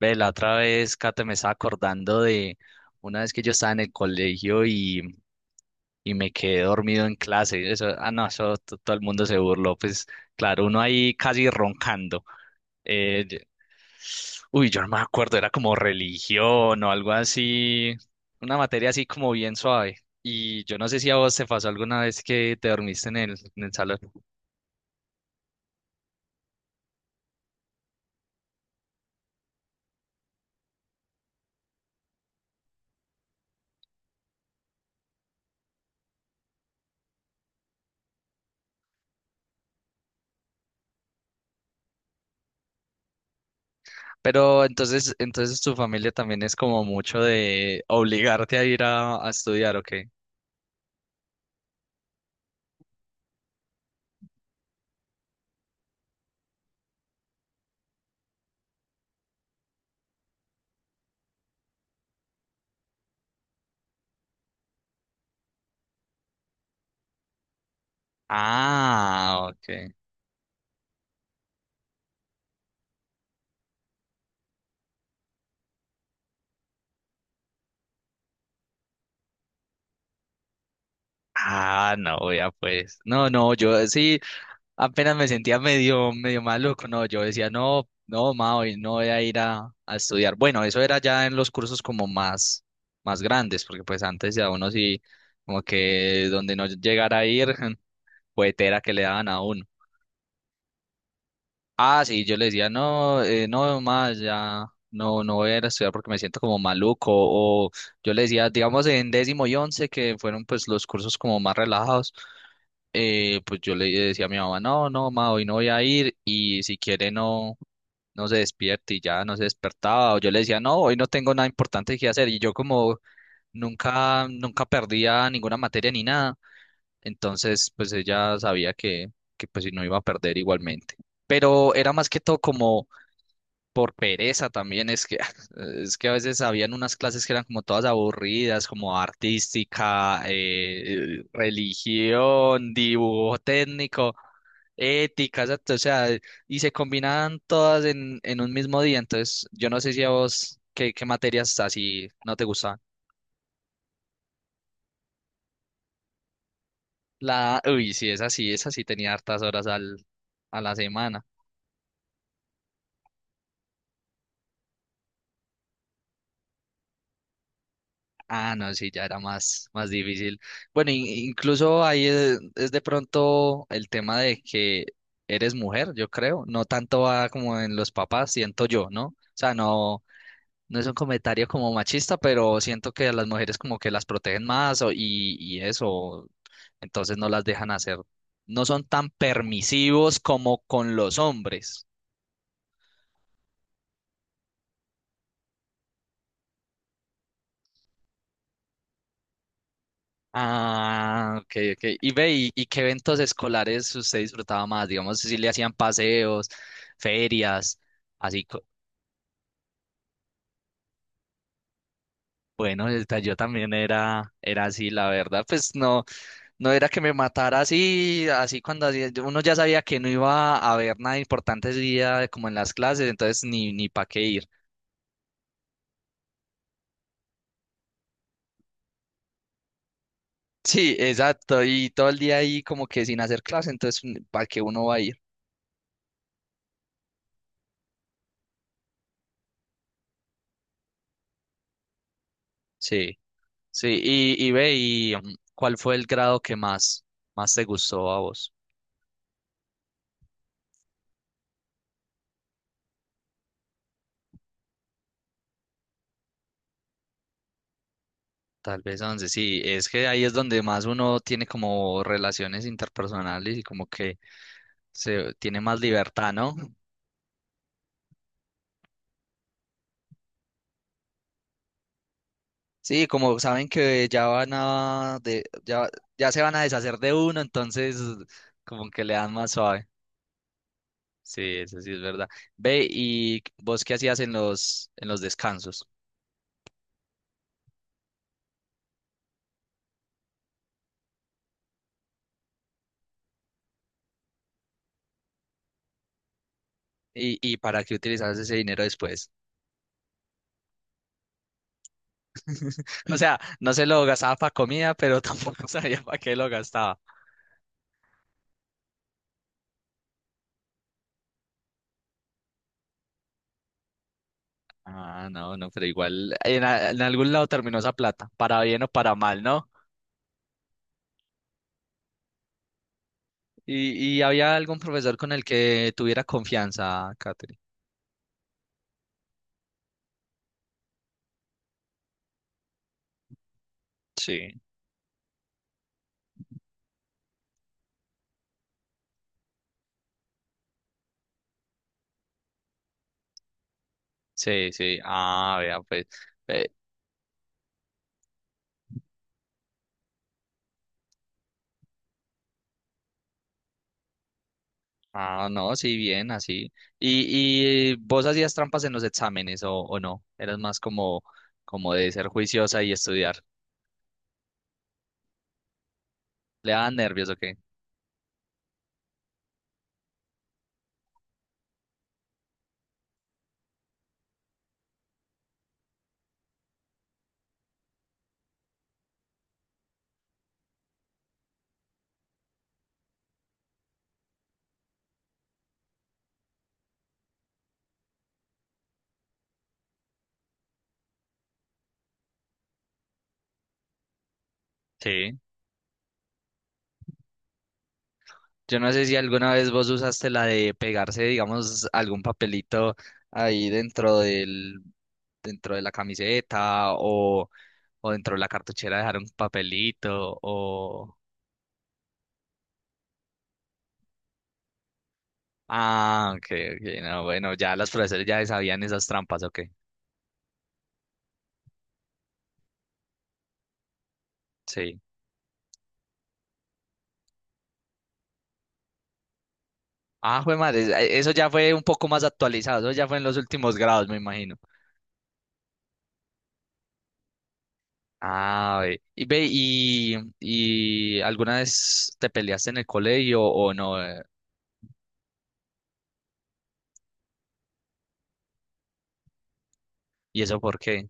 Ve, la otra vez, Kate, me estaba acordando de una vez que yo estaba en el colegio y me quedé dormido en clase. Eso, ah, no, eso todo el mundo se burló. Pues claro, uno ahí casi roncando. Eh, yo- yo no me acuerdo, era como religión o algo así, una materia así como bien suave. Y yo no sé si a vos te pasó alguna vez que te dormiste en en el salón. Pero entonces tu familia también es como mucho de obligarte a ir a estudiar, ¿ok? Ah, ok. Ah, no, ya pues. No, no, yo sí, apenas me sentía medio maluco. No, yo decía, no, no, ma, hoy no voy a ir a estudiar. Bueno, eso era ya en los cursos como más grandes, porque pues antes ya uno sí, como que donde no llegara a ir, puetera que le daban a uno. Ah, sí, yo le decía, no, no más, ya, no voy a ir a estudiar porque me siento como maluco, o yo le decía, digamos en décimo y once, que fueron pues los cursos como más relajados, pues yo le decía a mi mamá, no, no, ma, hoy no voy a ir, y si quiere no se despierte, y ya no se despertaba, o yo le decía, no, hoy no tengo nada importante que hacer, y yo como nunca perdía ninguna materia ni nada, entonces pues ella sabía que pues si no iba a perder igualmente, pero era más que todo como por pereza también. Es que a veces habían unas clases que eran como todas aburridas, como artística, religión, dibujo técnico, ética, exacto, o sea, y se combinaban todas en un mismo día, entonces yo no sé si a vos qué materias así no te gustaban. La, uy, sí, esa sí tenía hartas horas a la semana. Ah, no, sí, ya era más difícil. Bueno, incluso ahí es de pronto el tema de que eres mujer, yo creo. No tanto va como en los papás, siento yo, ¿no? O sea, no, no es un comentario como machista, pero siento que a las mujeres como que las protegen más y eso, entonces no las dejan hacer. No son tan permisivos como con los hombres. Ah, ok, ok. Y ve, y qué eventos escolares usted disfrutaba más? Digamos, si le hacían paseos, ferias, así. Bueno, yo también era así, la verdad. Pues no, no era que me matara así, uno ya sabía que no iba a haber nada importante ese día como en las clases, entonces ni para qué ir. Sí, exacto. Y todo el día ahí como que sin hacer clase, entonces ¿para qué uno va a ir? Sí. Sí, y ¿cuál fue el grado que más te gustó a vos? Tal vez 11, sí, es que ahí es donde más uno tiene como relaciones interpersonales y como que se tiene más libertad, ¿no? Sí, como saben que ya van a ya se van a deshacer de uno, entonces como que le dan más suave. Sí, eso sí es verdad. Ve, ¿y vos qué hacías en los descansos? Y para qué utilizabas ese dinero después? O sea, no se lo gastaba para comida, pero tampoco sabía para qué lo gastaba. Ah, no, no, pero igual en algún lado terminó esa plata, para bien o para mal, ¿no? Y había algún profesor con el que tuviera confianza, Catherine. Sí, sí, sí. Ah, vea, pues. eh, ah, no, sí, bien, así. Y vos hacías trampas en los exámenes o no? Eras más como, como de ser juiciosa y estudiar. ¿Le daban nervios o qué? Sí. Yo no sé si alguna vez vos usaste la de pegarse, digamos, algún papelito ahí dentro dentro de la camiseta o dentro de la cartuchera dejar un papelito o... Ah, ok, ok, no, bueno, ya los profesores ya sabían esas trampas, ok, sí. Ah, jue madre, eso ya fue un poco más actualizado, eso ya fue en los últimos grados, me imagino. Ah, ve, y ¿alguna vez te peleaste en el colegio o no? ¿Eh? ¿Y eso por qué?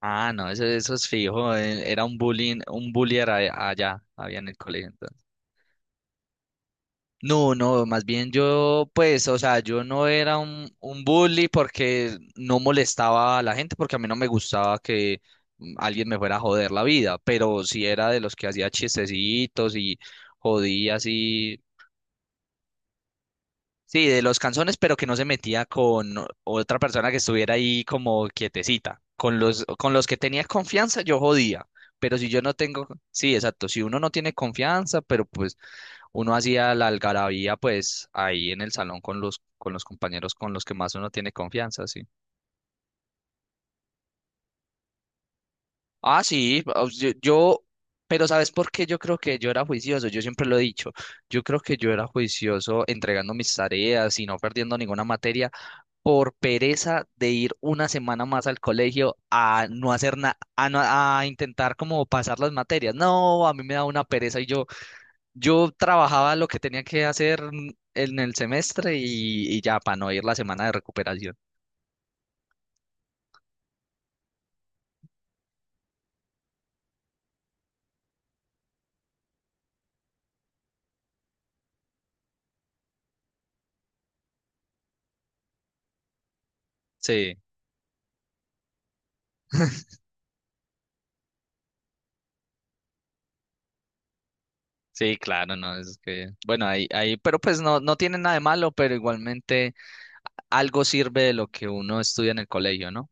Ah, no, eso es fijo. Eh, era un bullying, un allá, había en el colegio entonces. No, no, más bien yo, pues, o sea, yo no era un bully porque no molestaba a la gente, porque a mí no me gustaba que alguien me fuera a joder la vida, pero sí era de los que hacía chistecitos y jodía así. Sí, de los canzones, pero que no se metía con otra persona que estuviera ahí como quietecita. Con con los que tenía confianza, yo jodía. Pero si yo no tengo, sí, exacto. Si uno no tiene confianza, pero pues uno hacía la algarabía, pues ahí en el salón con con los compañeros con los que más uno tiene confianza, sí. Ah, sí, pero ¿sabes por qué? Yo creo que yo era juicioso, yo siempre lo he dicho. Yo creo que yo era juicioso entregando mis tareas y no perdiendo ninguna materia por pereza de ir una semana más al colegio a no hacer nada, a, no- a intentar como pasar las materias. No, a mí me da una pereza y yo trabajaba lo que tenía que hacer en el semestre y ya para no ir la semana de recuperación. Sí, sí, claro, no, es que, bueno, ahí, pero pues no, no tiene nada de malo, pero igualmente algo sirve de lo que uno estudia en el colegio, ¿no?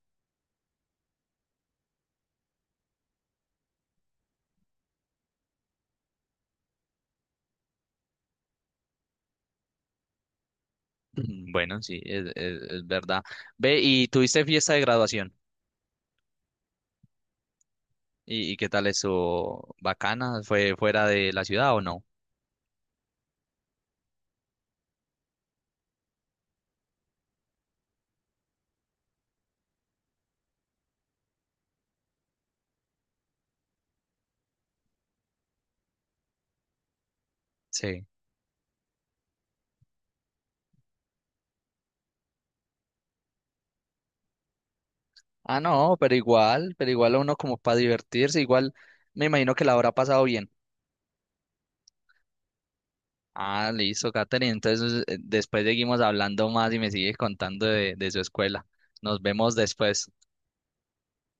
Mm, bueno, sí, es es verdad. Ve, ¿y tuviste fiesta de graduación? Y qué tal eso? ¿Bacana? ¿Fue fuera de la ciudad o no? Sí. Ah, no, pero igual a uno como para divertirse, igual me imagino que la habrá pasado bien. Ah, listo, Katherine. Entonces después seguimos hablando más y me sigues contando de su escuela. Nos vemos después.